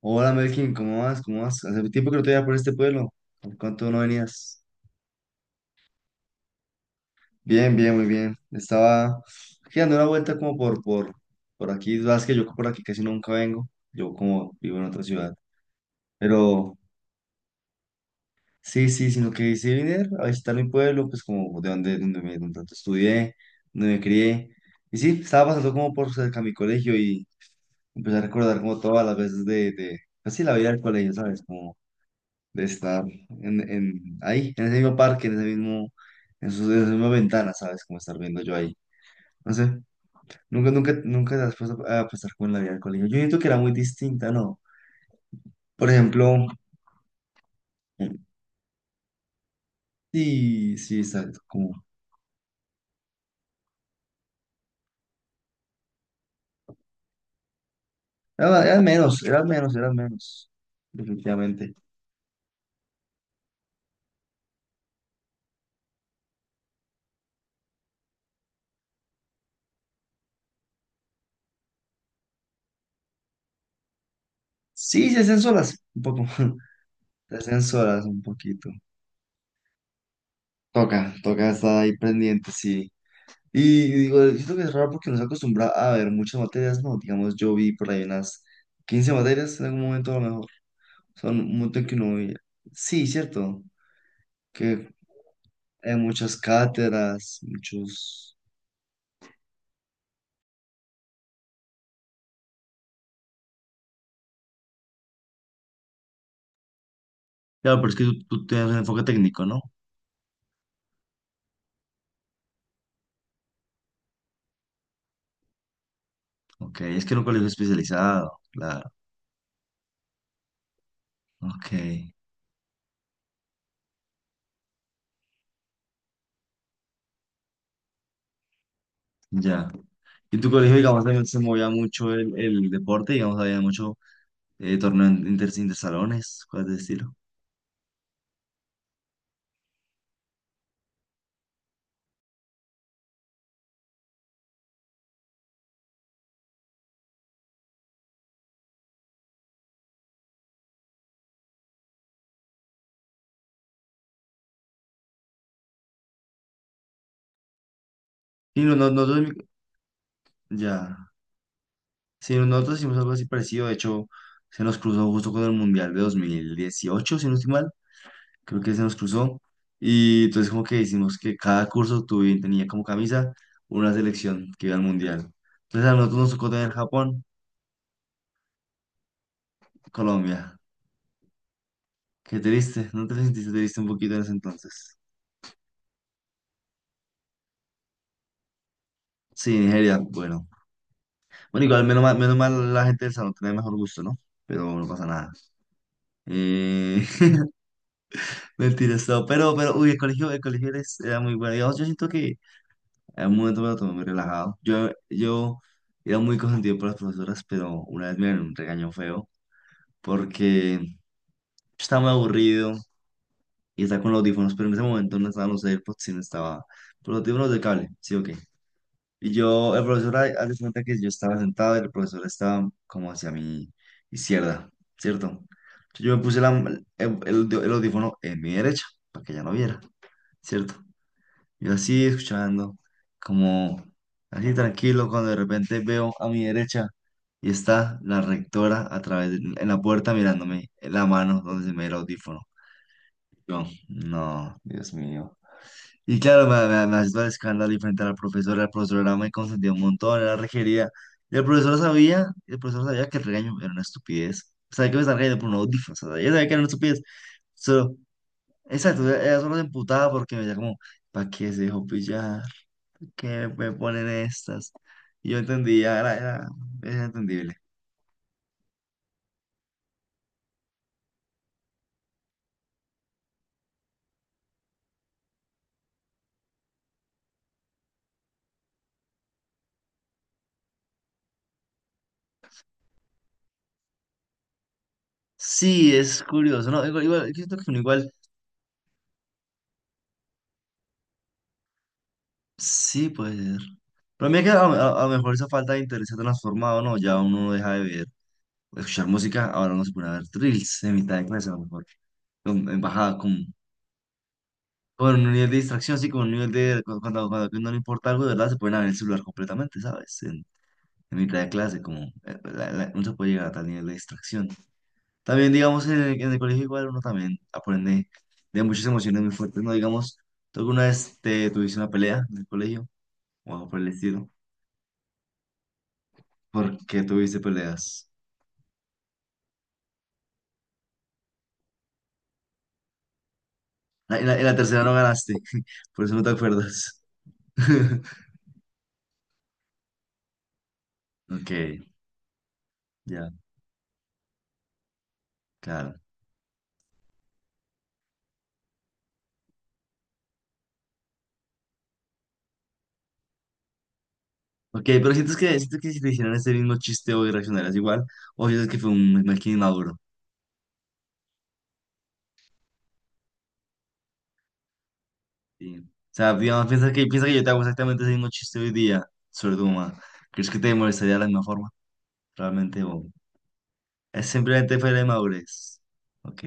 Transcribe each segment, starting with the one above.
Hola Melkin, ¿cómo vas? ¿Cómo vas? Hace tiempo que no te veía por este pueblo. ¿Por cuánto no venías? Bien, bien, muy bien. Estaba aquí dando una vuelta como por aquí. Sabes que yo por aquí casi nunca vengo. Yo como vivo en otra ciudad. Pero sí, sí, sino que sí venir a visitar mi pueblo, pues como de donde tanto estudié, donde me crié. Y sí, estaba pasando como por cerca de mi colegio y empecé a recordar como todas las veces pues sí, la vida del colegio, ¿sabes? Como de estar ahí, en ese mismo parque, en ese mismo, en esa misma ventana, ¿sabes? Como estar viendo yo ahí. No sé, nunca te has puesto a pensar con la vida del colegio. Yo siento que era muy distinta, ¿no? Por ejemplo, sí, sí, exacto, como, era menos, definitivamente. Sí, se hacen solas, un poco, se hacen solas un poquito. Toca estar ahí pendiente, sí. Y digo, siento que es raro porque nos acostumbra a ver muchas materias, ¿no? Digamos, yo vi por ahí unas 15 materias en algún momento a lo mejor. Son un montón que sí, cierto, que hay muchas cátedras, muchos... Claro, pero es que tú tienes un enfoque técnico, ¿no? Ok, es que era un colegio especializado, claro. Ok, ya. Y en tu colegio, digamos, también se movía mucho el deporte, digamos, había mucho torneo intersalones, cosas de estilo. Y no, no, no, ya. Sí, nosotros hicimos algo así parecido, de hecho, se nos cruzó justo con el Mundial de 2018, si no estoy mal, creo que se nos cruzó, y entonces como que hicimos que cada curso tenía como camisa una selección que iba al Mundial. Entonces a nosotros nos tocó tener Japón, Colombia, qué triste, ¿no te sentiste triste un poquito en ese entonces? Sí, Nigeria, bueno. Bueno, igual menos mal la gente del salón tenía mejor gusto, ¿no? Pero no pasa nada. Eh, mentira, esto. Uy, el colegio era muy bueno. Digamos, yo siento que en un momento para lo muy relajado. Yo era muy consentido por las profesoras, pero una vez me dieron un regaño feo porque yo estaba muy aburrido y estaba con los audífonos, pero en ese momento no estaban los AirPods, sino estaba por los audífonos de cable, ¿sí o qué? Y yo, el profesor, haz de cuenta que yo estaba sentado y el profesor estaba como hacia mi izquierda, ¿cierto? Entonces yo me el audífono en mi derecha para que ella no viera, ¿cierto? Yo así escuchando, como así tranquilo, cuando de repente veo a mi derecha y está la rectora a en la puerta mirándome en la mano donde se me ve el audífono. Yo, no, Dios mío. Y claro, me asustó el escándalo y frente a la profesora me consentía un montón, era requerida. Y el profesor sabía que el regaño era una estupidez. Sabía que me estaba regañando por un audífono, o sea, ella sabía que era una estupidez. Solo, exacto, ella solo se emputaba porque me decía como, ¿para qué se dejó pillar? Que me ponen estas. Yo entendía, era entendible. Sí, es curioso, ¿no? Igual, igual, yo siento que uno igual, sí puede ser. Pero a mí es que a lo mejor esa falta de interés se ha transformado, ¿no? Ya uno deja de ver, escuchar música, ahora uno se pone a ver reels en mitad de clase, a lo mejor, en bajada, con un nivel de distracción, sí, con un nivel de, cuando, no le importa algo, de verdad, se pueden abrir el celular completamente, ¿sabes? En mitad de clase, como, uno se puede llegar a tal nivel de distracción. También, digamos, en en el colegio igual uno también aprende de muchas emociones muy fuertes, ¿no? Digamos, tú alguna vez te tuviste una pelea en el colegio o algo por el estilo. ¿Por qué tuviste peleas? En en la tercera no ganaste, por eso no te acuerdas. Ok, ya, claro. Ok, pero sientes que si te hicieran ese mismo chiste hoy reaccionarías igual, o sientes que fue un mal inmaduro. Sí. O sea, digamos, piensa que yo te hago exactamente ese mismo chiste hoy día sobre tu mamá. ¿Crees que te molestaría de la misma forma, realmente? O... Es simplemente fue la inmadurez. Ok,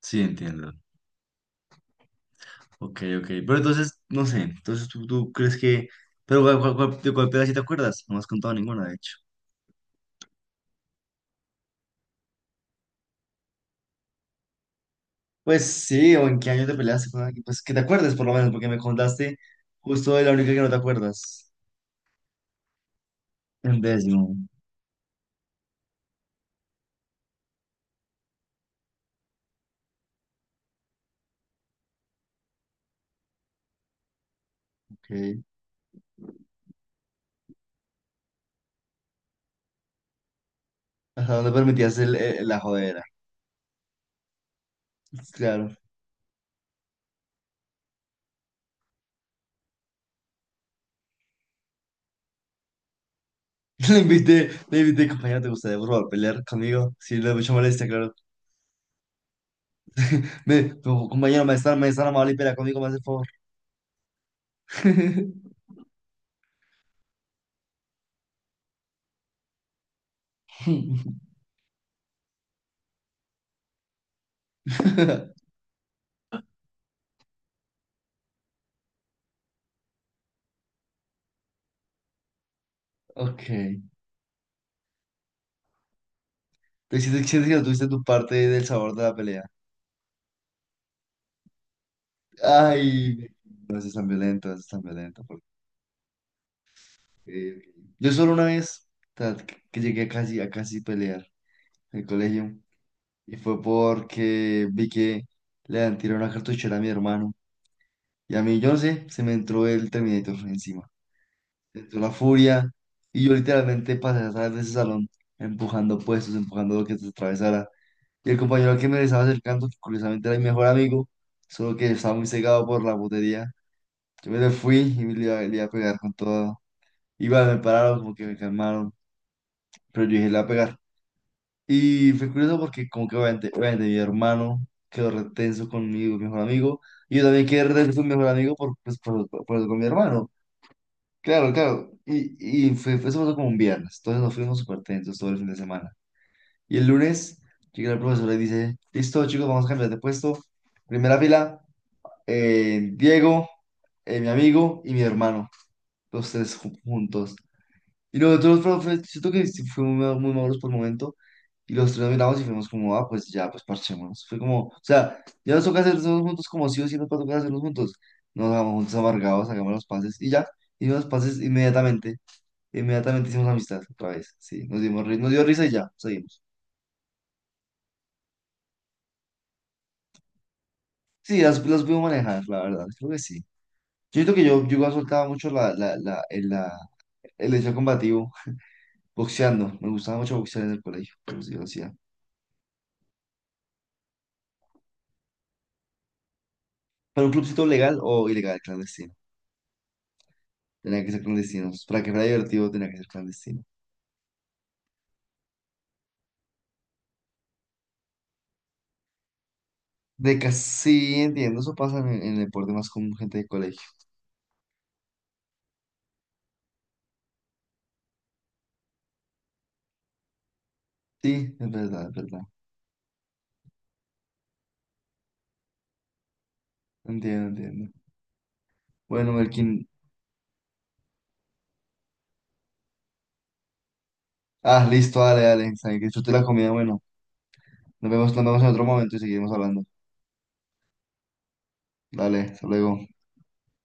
sí, entiendo. Ok, ok. Pero entonces, no sé, entonces tú crees que... Pero de cuál pelea sí te acuerdas? No me has contado ninguna, de hecho. Pues sí, o en qué año te peleaste con alguien. Pues que te acuerdes, por lo menos, porque me contaste justo de la única que no te acuerdas. En décimo. Ok. ¿Hasta dónde permitías la jodera? Claro. Le invité, compañero, ¿te gustaría, por favor, pelear conmigo? Si le da mucha molestia, claro. Me, como, compañero, me están amable y pelea conmigo, me hace el favor. Ok. Te sientes que no tuviste tu parte del sabor de la pelea. Ay, eso es tan violento, eso es tan violento. Porque- Yo solo una vez ta- que llegué a a casi pelear en el colegio y fue porque vi que le han tirado una cartuchera a mi hermano y a mí, yo no sé, se me entró el Terminator encima. Me entró la furia y yo literalmente pasé a salir de ese salón empujando puestos, empujando lo que se atravesara. Y el compañero al que me le estaba acercando, que curiosamente era mi mejor amigo, solo que estaba muy cegado por la putería. Yo me le fui y me le iba a pegar con todo. Igual me pararon, como que me calmaron, pero yo dije, le voy a pegar. Y fue curioso porque como que obviamente, obviamente mi hermano quedó retenso conmigo, mi mejor amigo, y yo también quedé retenso con mi mejor amigo por, pues, por- con mi hermano. Claro, claro. Y fue, eso pasó como un viernes, entonces nos fuimos súper tensos todo el fin de semana. Y el lunes llega el profesor y dice, listo chicos, vamos a cambiar de puesto. Primera fila, Diego, mi amigo y mi hermano, los tres juntos. Y nosotros, profe, siento que sí fuimos muy maduros por el momento. Y los tres nos miramos y fuimos como, ah, pues ya, pues parchémonos. Fue como, o sea, ya nos toca hacer todos juntos como sí o sí nos va a tocar hacerlos juntos. Nos vamos juntos amargados, hagamos los pases y ya. Hicimos los pases inmediatamente. Inmediatamente hicimos amistad otra vez. Sí, nos nos dio risa y ya, seguimos. Sí, las puedo manejar, la verdad, creo que sí. Yo creo que yo igual soltaba mucho el hecho combativo, boxeando. Me gustaba mucho boxear en el colegio, pero sí lo hacía. ¿Para un clubcito legal o ilegal, clandestino? Tenía que ser clandestinos. Para que fuera divertido, tenía que ser clandestino. De casi entiendo, eso pasa en el deporte más con gente de colegio. Sí, es verdad, es verdad. Entiendo, entiendo. Bueno, Melkin. Ah, listo, dale, dale. Sabe Que disfrute la comida. Bueno, nos vemos en otro momento y seguimos hablando. Dale, hasta luego.